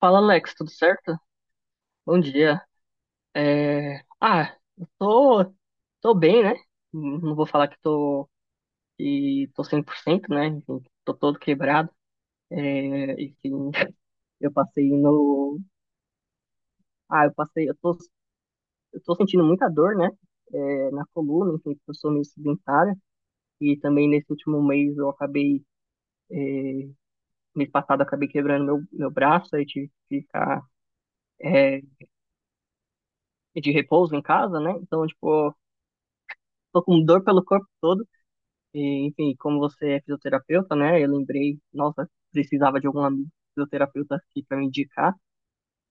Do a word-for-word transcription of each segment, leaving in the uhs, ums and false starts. Fala, Alex, tudo certo? Bom dia. É, Ah, eu tô, tô bem, né? Não vou falar que tô, que tô cem por cento, né? Enfim, tô todo quebrado. É, Enfim, eu passei no... Ah, eu passei... Eu tô, eu tô sentindo muita dor, né? É, na coluna, enfim, porque eu sou meio sedentária. E também nesse último mês eu acabei... é, mês passado eu acabei quebrando meu, meu braço, aí tive que ficar é, de repouso em casa, né? Então, tipo, tô com dor pelo corpo todo. E, enfim, como você é fisioterapeuta, né? Eu lembrei, nossa, precisava de algum amigo fisioterapeuta aqui para me indicar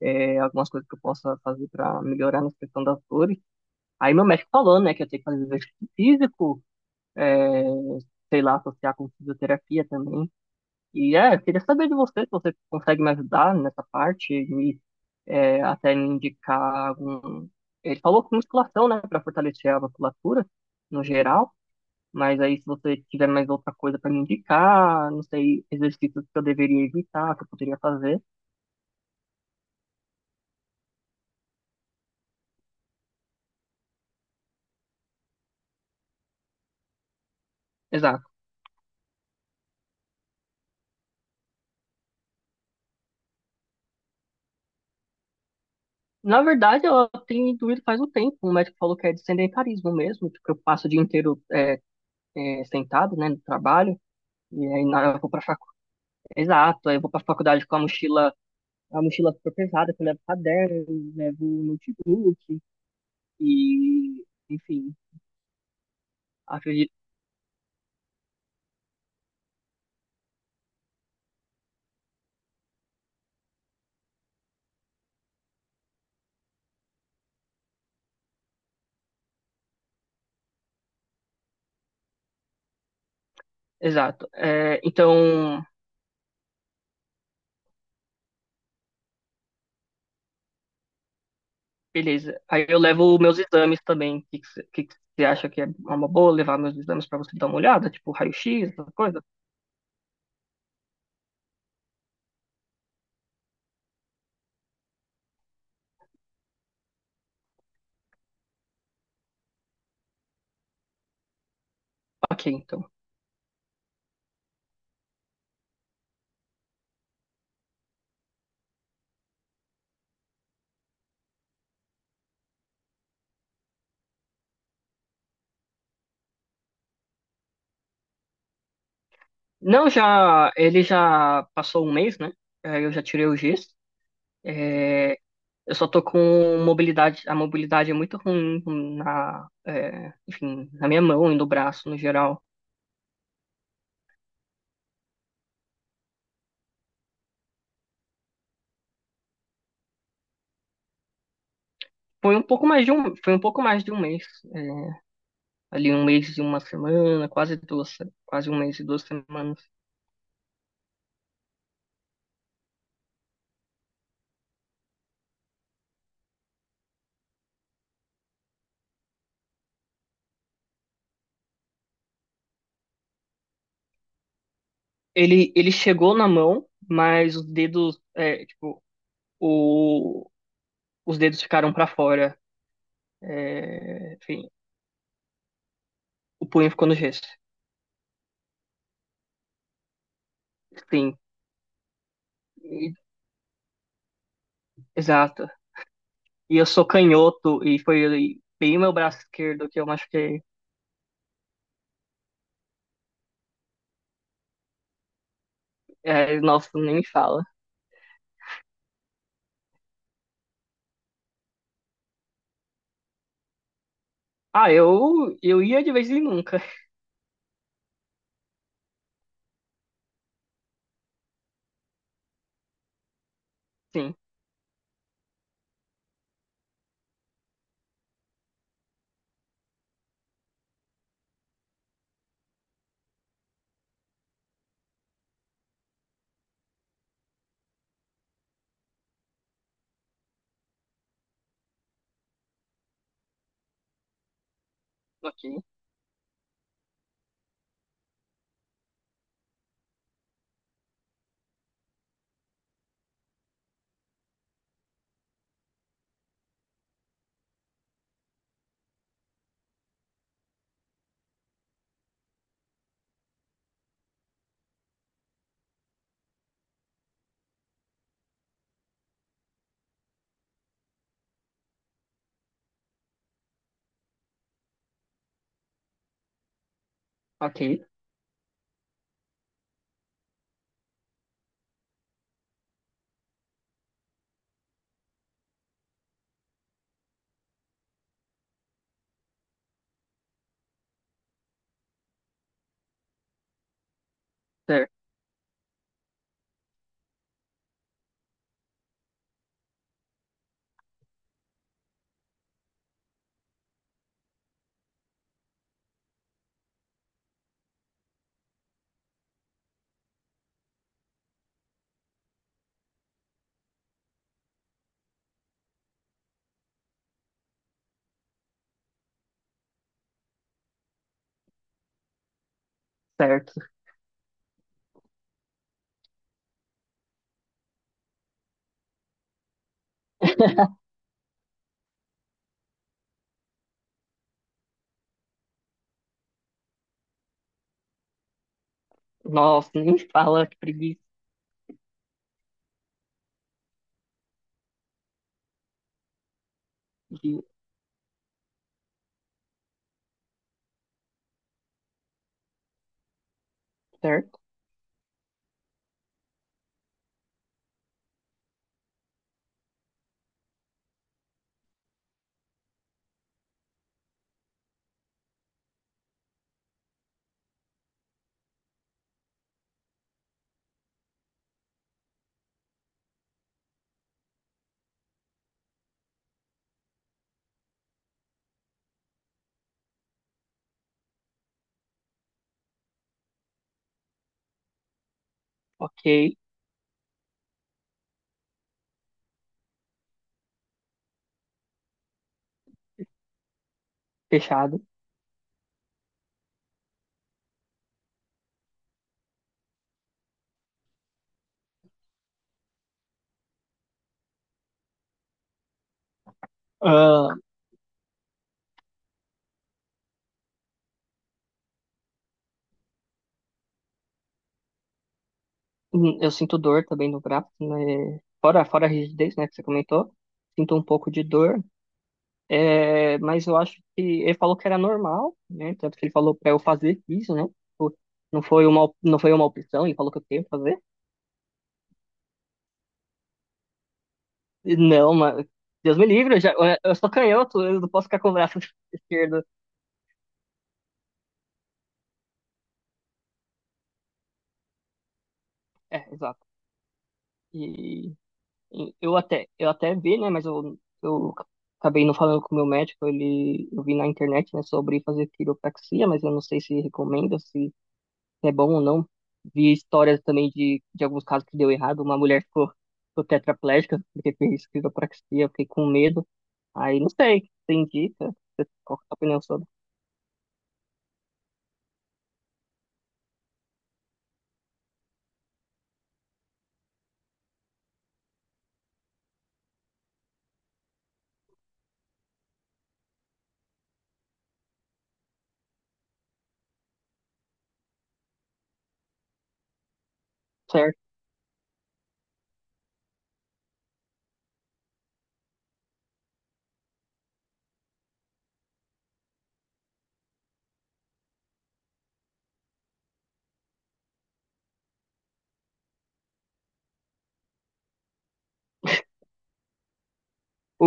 é, algumas coisas que eu possa fazer para melhorar na questão das dores. Aí meu médico falou, né, que eu tenho que fazer exercício físico, é, sei lá, associar com fisioterapia também. E é, eu queria saber de você se você consegue me ajudar nessa parte, me, é, até me indicar algum. Ele falou com musculação, né, para fortalecer a musculatura no geral. Mas aí, se você tiver mais outra coisa para me indicar, não sei, exercícios que eu deveria evitar, que eu poderia fazer. Exato. Na verdade, eu tenho intuído faz um tempo. O médico falou que é de sedentarismo mesmo, porque eu passo o dia inteiro é, é, sentado, né, no trabalho. E aí na hora eu vou pra faculdade. Exato, aí eu vou pra faculdade com a mochila, a mochila super pesada, que eu levo caderno, eu levo notebook, e enfim, acredito. Exato. É, então, beleza. Aí eu levo meus exames também. O que que cê- que que você acha que é uma boa levar meus exames para você dar uma olhada? Tipo, raio-x, essas coisas? Ok, então. Não, já. Ele já passou um mês, né? Aí eu já tirei o giz. É, eu só tô com mobilidade. A mobilidade é muito ruim na. é, enfim, na minha mão e no braço, no geral. Foi um pouco mais de um, foi um pouco mais de um mês. é, ali um mês e uma semana, quase duas, quase um mês e duas semanas. Ele, ele chegou na mão, mas os dedos, é, tipo, o, os dedos ficaram pra fora. É, enfim, o punho ficou no gesso. Sim, e- exato. E eu sou canhoto e foi bem meu braço esquerdo que eu machuquei. É, nossa, nem me fala. Ah, eu, eu ia de vez em nunca. Sim, ok, ok, certo, certo. Nossa, nem me fala, que preguiça. de- Certo, ok, fechado. Ah, Hum, Eu sinto dor também no braço, né? Fora, fora a rigidez, né, que você comentou. Sinto um pouco de dor, é, mas eu acho que ele falou que era normal, né? Tanto que ele falou para eu fazer isso, né? Tipo, Não foi uma, op- não foi uma opção, ele falou que eu tenho que fazer. E não, mas Deus me livre, eu, já, eu eu sou canhoto, eu não posso ficar com o braço esquerdo. É, exato. E Eu até, eu até vi, né? Mas eu, eu acabei não falando com o meu médico. Ele, eu vi na internet, né, sobre fazer quiropraxia, mas eu não sei se recomenda, se é bom ou não. Vi histórias também de, de alguns casos que deu errado. Uma mulher ficou, ficou tetraplégica porque fez quiropraxia, eu fiquei com medo. Aí não sei, tem dica? Você- Qual que é a sua opinião sobre? Certo.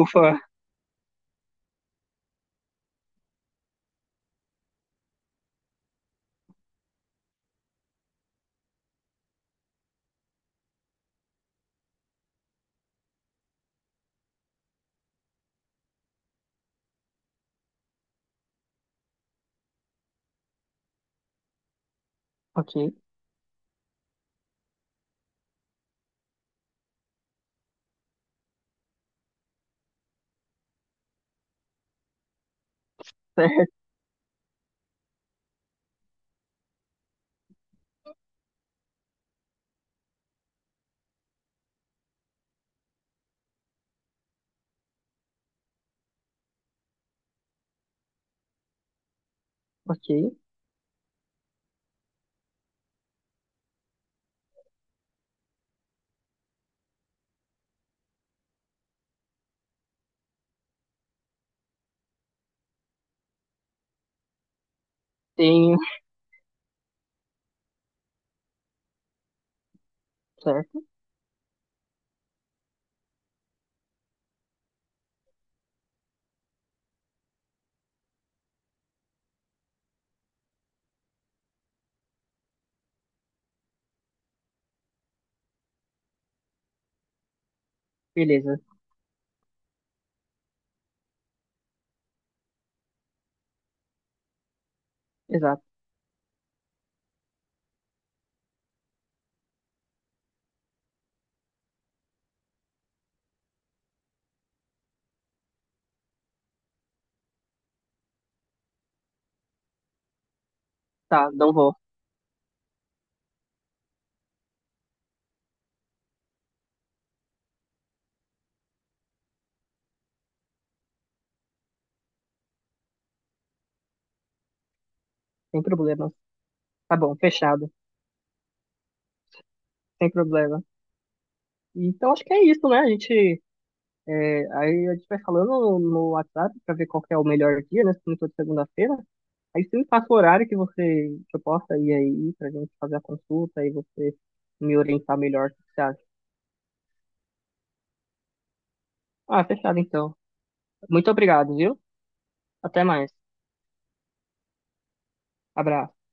Ufa, ok, certo, ok. Tenho, certo, beleza, exato. Tá, não vou, sem problemas. Tá bom, fechado, sem problema. Então acho que é isso, né? A gente, é, aí a gente vai falando no no WhatsApp para ver qual que é o melhor dia, né? Se não for de segunda-feira. Aí você me passa o horário que você que eu possa ir aí pra gente fazer a consulta e você me orientar melhor, o que você acha? Ah, fechado então. Muito obrigado, viu? Até mais. Abraço.